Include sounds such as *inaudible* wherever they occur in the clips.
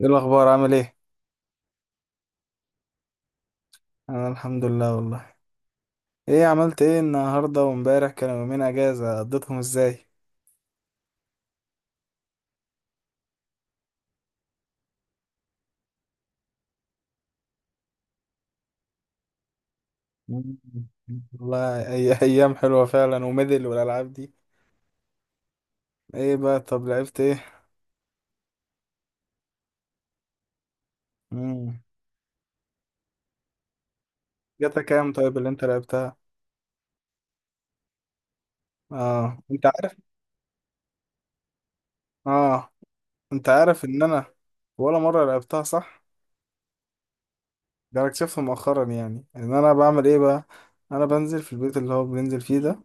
ايه الاخبار؟ عامل ايه؟ انا الحمد لله والله. ايه عملت ايه النهارده؟ وامبارح كانوا يومين اجازه قضيتهم ازاي؟ *laughs* مم. والله اي ايام حلوه فعلا، وميدل والالعاب دي. ايه بقى؟ طب لعبت ايه؟ امم. جاتا كام طيب اللي انت لعبتها؟ اه، انت عارف. اه، انت عارف ان انا ولا مره لعبتها صح. ده انا اكتشفت مؤخرا يعني ان انا بعمل ايه بقى. انا بنزل في البيت اللي هو بننزل فيه ده،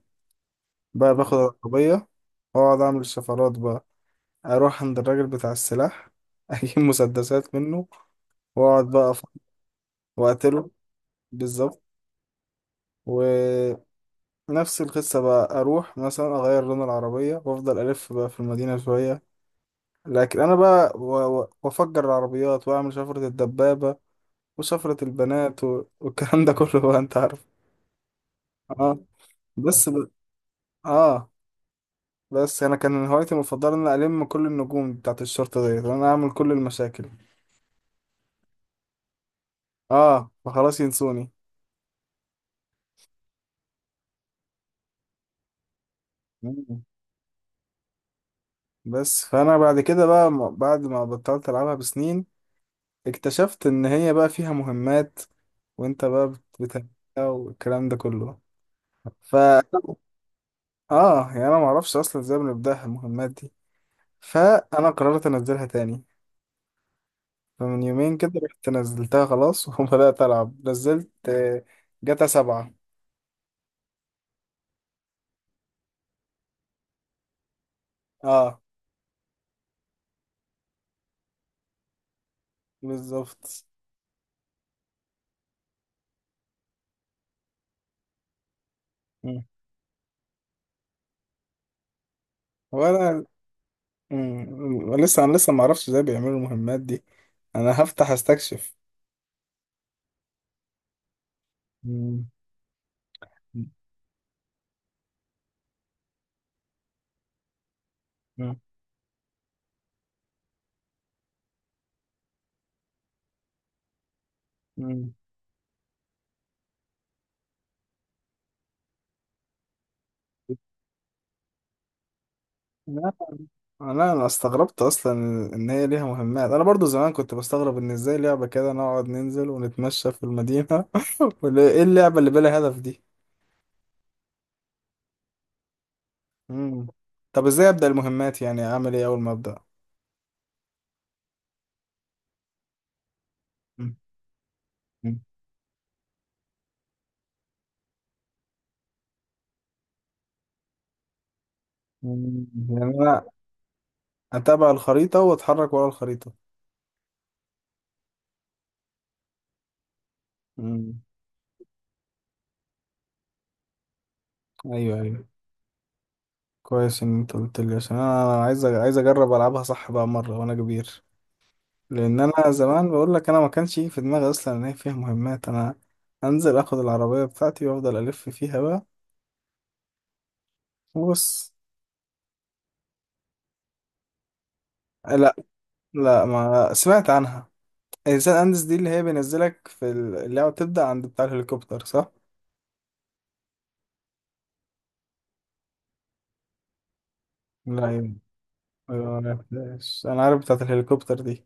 بقى باخد العربيه واقعد اعمل الشفرات بقى، اروح عند الراجل بتاع السلاح *laughs* اجيب مسدسات منه، واقعد بقى واقتله. بالظبط. ونفس القصة بقى اروح مثلا اغير لون العربية وافضل الف بقى في المدينة شوية، لكن انا بقى وافجر العربيات واعمل شفرة الدبابة وشفرة البنات والكلام ده كله بقى انت عارف. اه. بس ب... اه. بس انا كان هوايتي المفضلة ان أنا الم كل النجوم بتاعت الشرطة ديت وانا اعمل كل المشاكل. اه، فخلاص ينسوني. بس فانا بعد كده بعد ما بطلت العبها بسنين اكتشفت ان هي بقى فيها مهمات، وانت بقى بتعملها والكلام ده كله. ف يعني انا ما اعرفش اصلا ازاي بنبداها المهمات دي، فانا قررت انزلها تاني. فمن يومين كده رحت نزلتها خلاص *laughs* وبدات العب. نزلت جاتا سبعة. اه. بالظبط. مم. وانا. مم. انا لسه ما اعرفش ازاي بيعملوا المهمات دي. انا هفتح استكشف. مم. مم. لا، انا استغربت اصلا ان هي ليها مهمات. انا برضو زمان كنت بستغرب ان ازاي لعبة كده نقعد ننزل ونتمشى في المدينة. *laughs* ولا ايه اللعبة اللي بلا هدف دي؟ مم. طب ازاي ابدا المهمات؟ يعني اعمل ايه اول ما ابدا؟ مم. مم. مم. يعني انا اتابع الخريطة واتحرك ورا الخريطة. مم. ايوه، ايوه. كويس ان انت قلت لي عشان انا عايز عايز اجرب العبها صح بقى مرة وانا كبير، لان انا زمان بقول لك انا ما كانش يجي في دماغي اصلا ان هي فيها مهمات. انا انزل اخد العربيه بتاعتي وافضل الف فيها بقى. بص. لا، لا، ما سمعت عنها. الانسان اندس دي اللي هي بينزلك في اللعبه بتبدا عند بتاع الهليكوبتر صح؟ لا يم- أيوة، ما عرفتهاش. انا عارف بتاعه الهليكوبتر دي.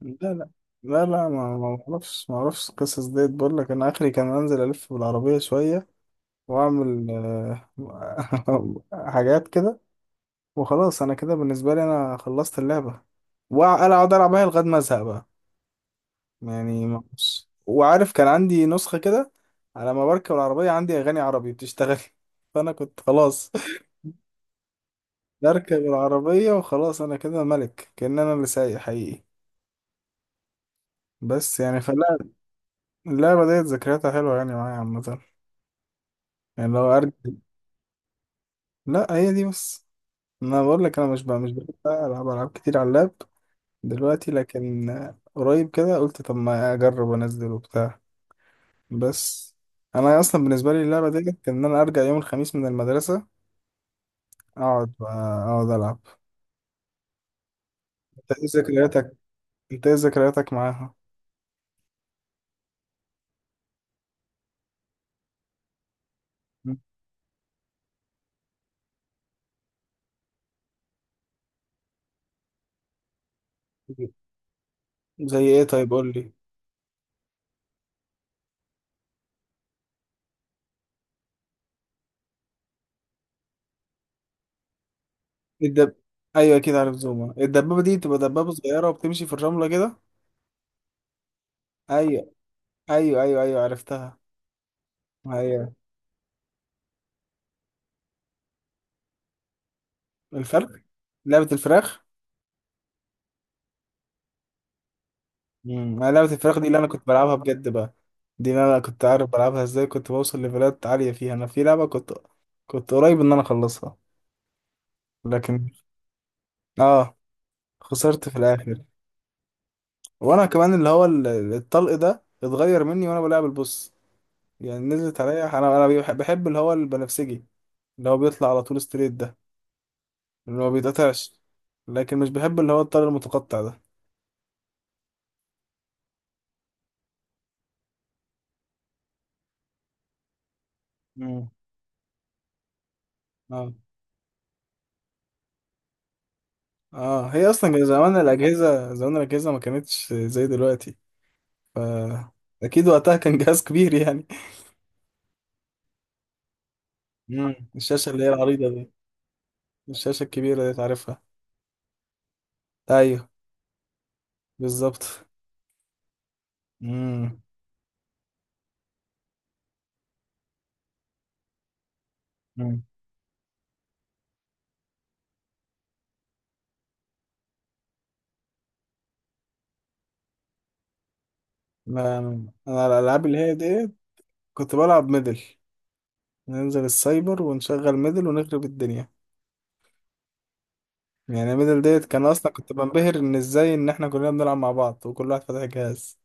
لا، لا، لا، لا، ما اعرفش القصص ديت. بقول لك انا اخري كان انزل الف بالعربيه شويه واعمل *laughs* حاجات كده. وخلاص انا كده بالنسبه لي انا خلصت اللعبه، وانا اقعد العب بيها لغايه ما ازهق بقى. يعني بص، وعارف كان عندي نسخه كده، على ما بركب العربيه عندي اغاني عربي بتشتغل *laughs* فانا كنت خلاص، بركب العربيه وخلاص انا كده ملك كأن انا اللي سايق حقيقي. بس يعني فلا، اللعبه ديت ذكرياتها حلوه يعني معايا عامه. يعني لو ارجع. لا، هي دي بس. انا بقول لك انا مش بحب العب العاب كتير على اللاب دلوقتي. لكن قريب كده قلت طب ما اجرب انزل وبتاع. بس. انا اصلا بالنسبه لي اللعبه دي كان ان انا ارجع يوم الخميس من المدرسه، اقعد بقى- اقعد العب. انت ايه ذكرياتك انت ايه ذكرياتك معاها؟ مم. زي ايه؟ طيب قول لي. الدب ايوه اكيد عارف زوما. الدبابه دي بتبقى دبابه صغيره وبتمشي في الرمله كده. ايوه، ايوه، ايوه، ايوه، عرفتها. ايوه. الفرخ لعبه الفراخ. امم. لعبه الفراخ دي اللي انا كنت بلعبها بجد بقى. دي اللي انا كنت عارف بلعبها ازاي. كنت بوصل ليفلات عاليه فيها. انا في لعبه كنت قريب ان انا اخلصها. لكن اه، خسرت في الاخر. وانا كمان اللي هو الطلق ده اتغير مني وانا بلعب البوس. يعني نزلت عليا. انا بحب اللي هو البنفسجي اللي هو بيطلع على طول ستريت ده اللي هو بيتقطعش. لكن مش بحب اللي هو الطلق المتقطع ده. مم. اه، اه، هي اصلا كان زمان الاجهزه، ما كانتش زي دلوقتي. ف، اكيد وقتها كان جهاز كبير يعني. مم. الشاشه اللي هي العريضه دي، الشاشه الكبيره دي تعرفها؟ ايوه. بالظبط. امم. مم. لا، انا الالعاب اللي هي دي كنت بلعب ميدل. ننزل السايبر ونشغل ميدل ونخرب الدنيا. يعني ميدل ديت كان اصلا كنت بنبهر ان ازاي ان احنا كلنا بنلعب مع بعض وكل واحد فاتح جهاز.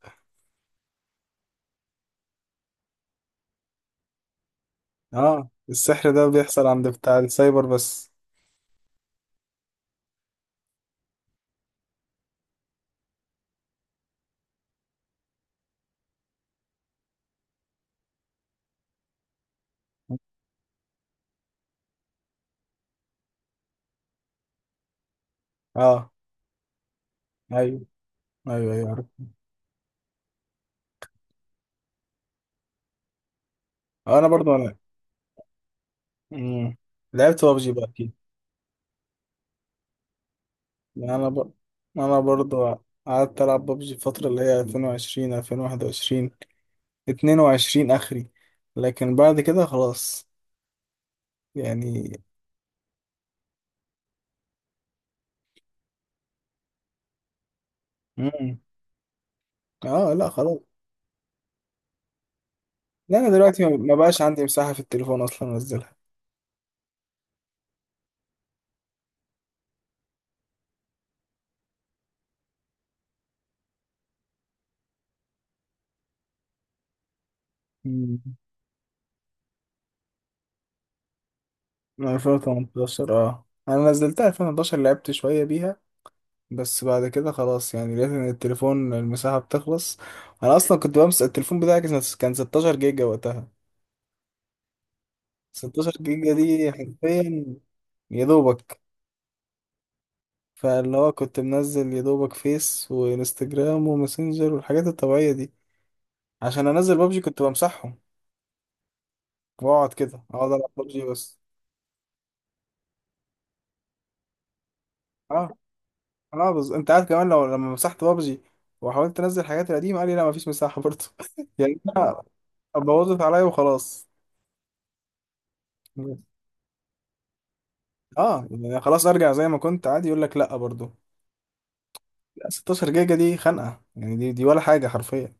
اه، السحر ده بيحصل عند بتاع السايبر بس. اه، ايوه، ايوه، ايوه، عارف. انا برضو انا. مم. لعبت بابجي بقى اكيد. يعني انا انا برضو قعدت العب بابجي الفترة اللي هي 2020 2021 22 اخري. لكن بعد كده خلاص يعني. مم. اه، لا خلاص. لا، انا دلوقتي ما بقاش عندي مساحة في التليفون اصلا انزلها. مم. من 2018. اه، انا نزلتها 2011، لعبت شوية بيها. بس بعد كده خلاص يعني، لقيت ان التليفون المساحة بتخلص. انا اصلا كنت بمسك التليفون بتاعي، كان 16 جيجا وقتها. 16 جيجا دي حرفيا يا دوبك. فاللي هو كنت منزل يا دوبك فيس وانستجرام وماسنجر والحاجات الطبيعية دي. عشان انزل بابجي كنت بمسحهم، واقعد كده اقعد العب بابجي بس. اه. اه، انت عارف كمان لما مسحت بابجي وحاولت انزل حاجات القديمه، قال لي لا مفيش مساحه برضه. *laughs* يعني انا بوظت عليا وخلاص. اه، يعني خلاص ارجع زي ما كنت عادي يقول لك لا برضه. لا، 16 جيجا دي خنقه يعني، دي ولا حاجه حرفيا.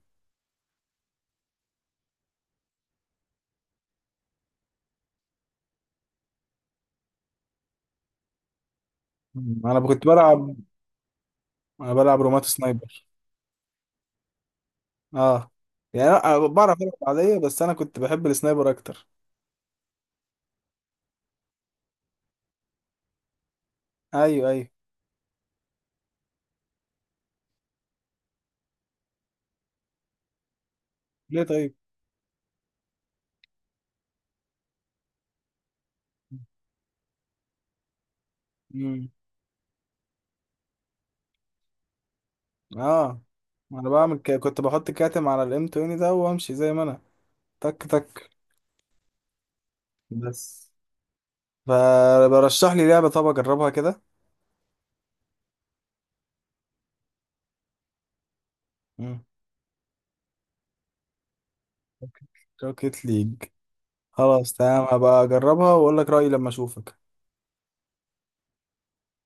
مم. انا كنت بلعب، انا بلعب رومات سنايبر. اه، يعني انا بعرف العب عاديه، بس انا كنت بحب السنايبر اكتر. ايوه، ايوه. ليه طيب؟ امم. اه، انا بعمل كنت بحط كاتم على الام 20 ده وامشي زي ما انا، تك تك. بس، فبرشح لي لعبة طب أجربها كده. مم. روكيت ليج. خلاص تمام، هبقى أجربها وأقول لك رأيي لما أشوفك.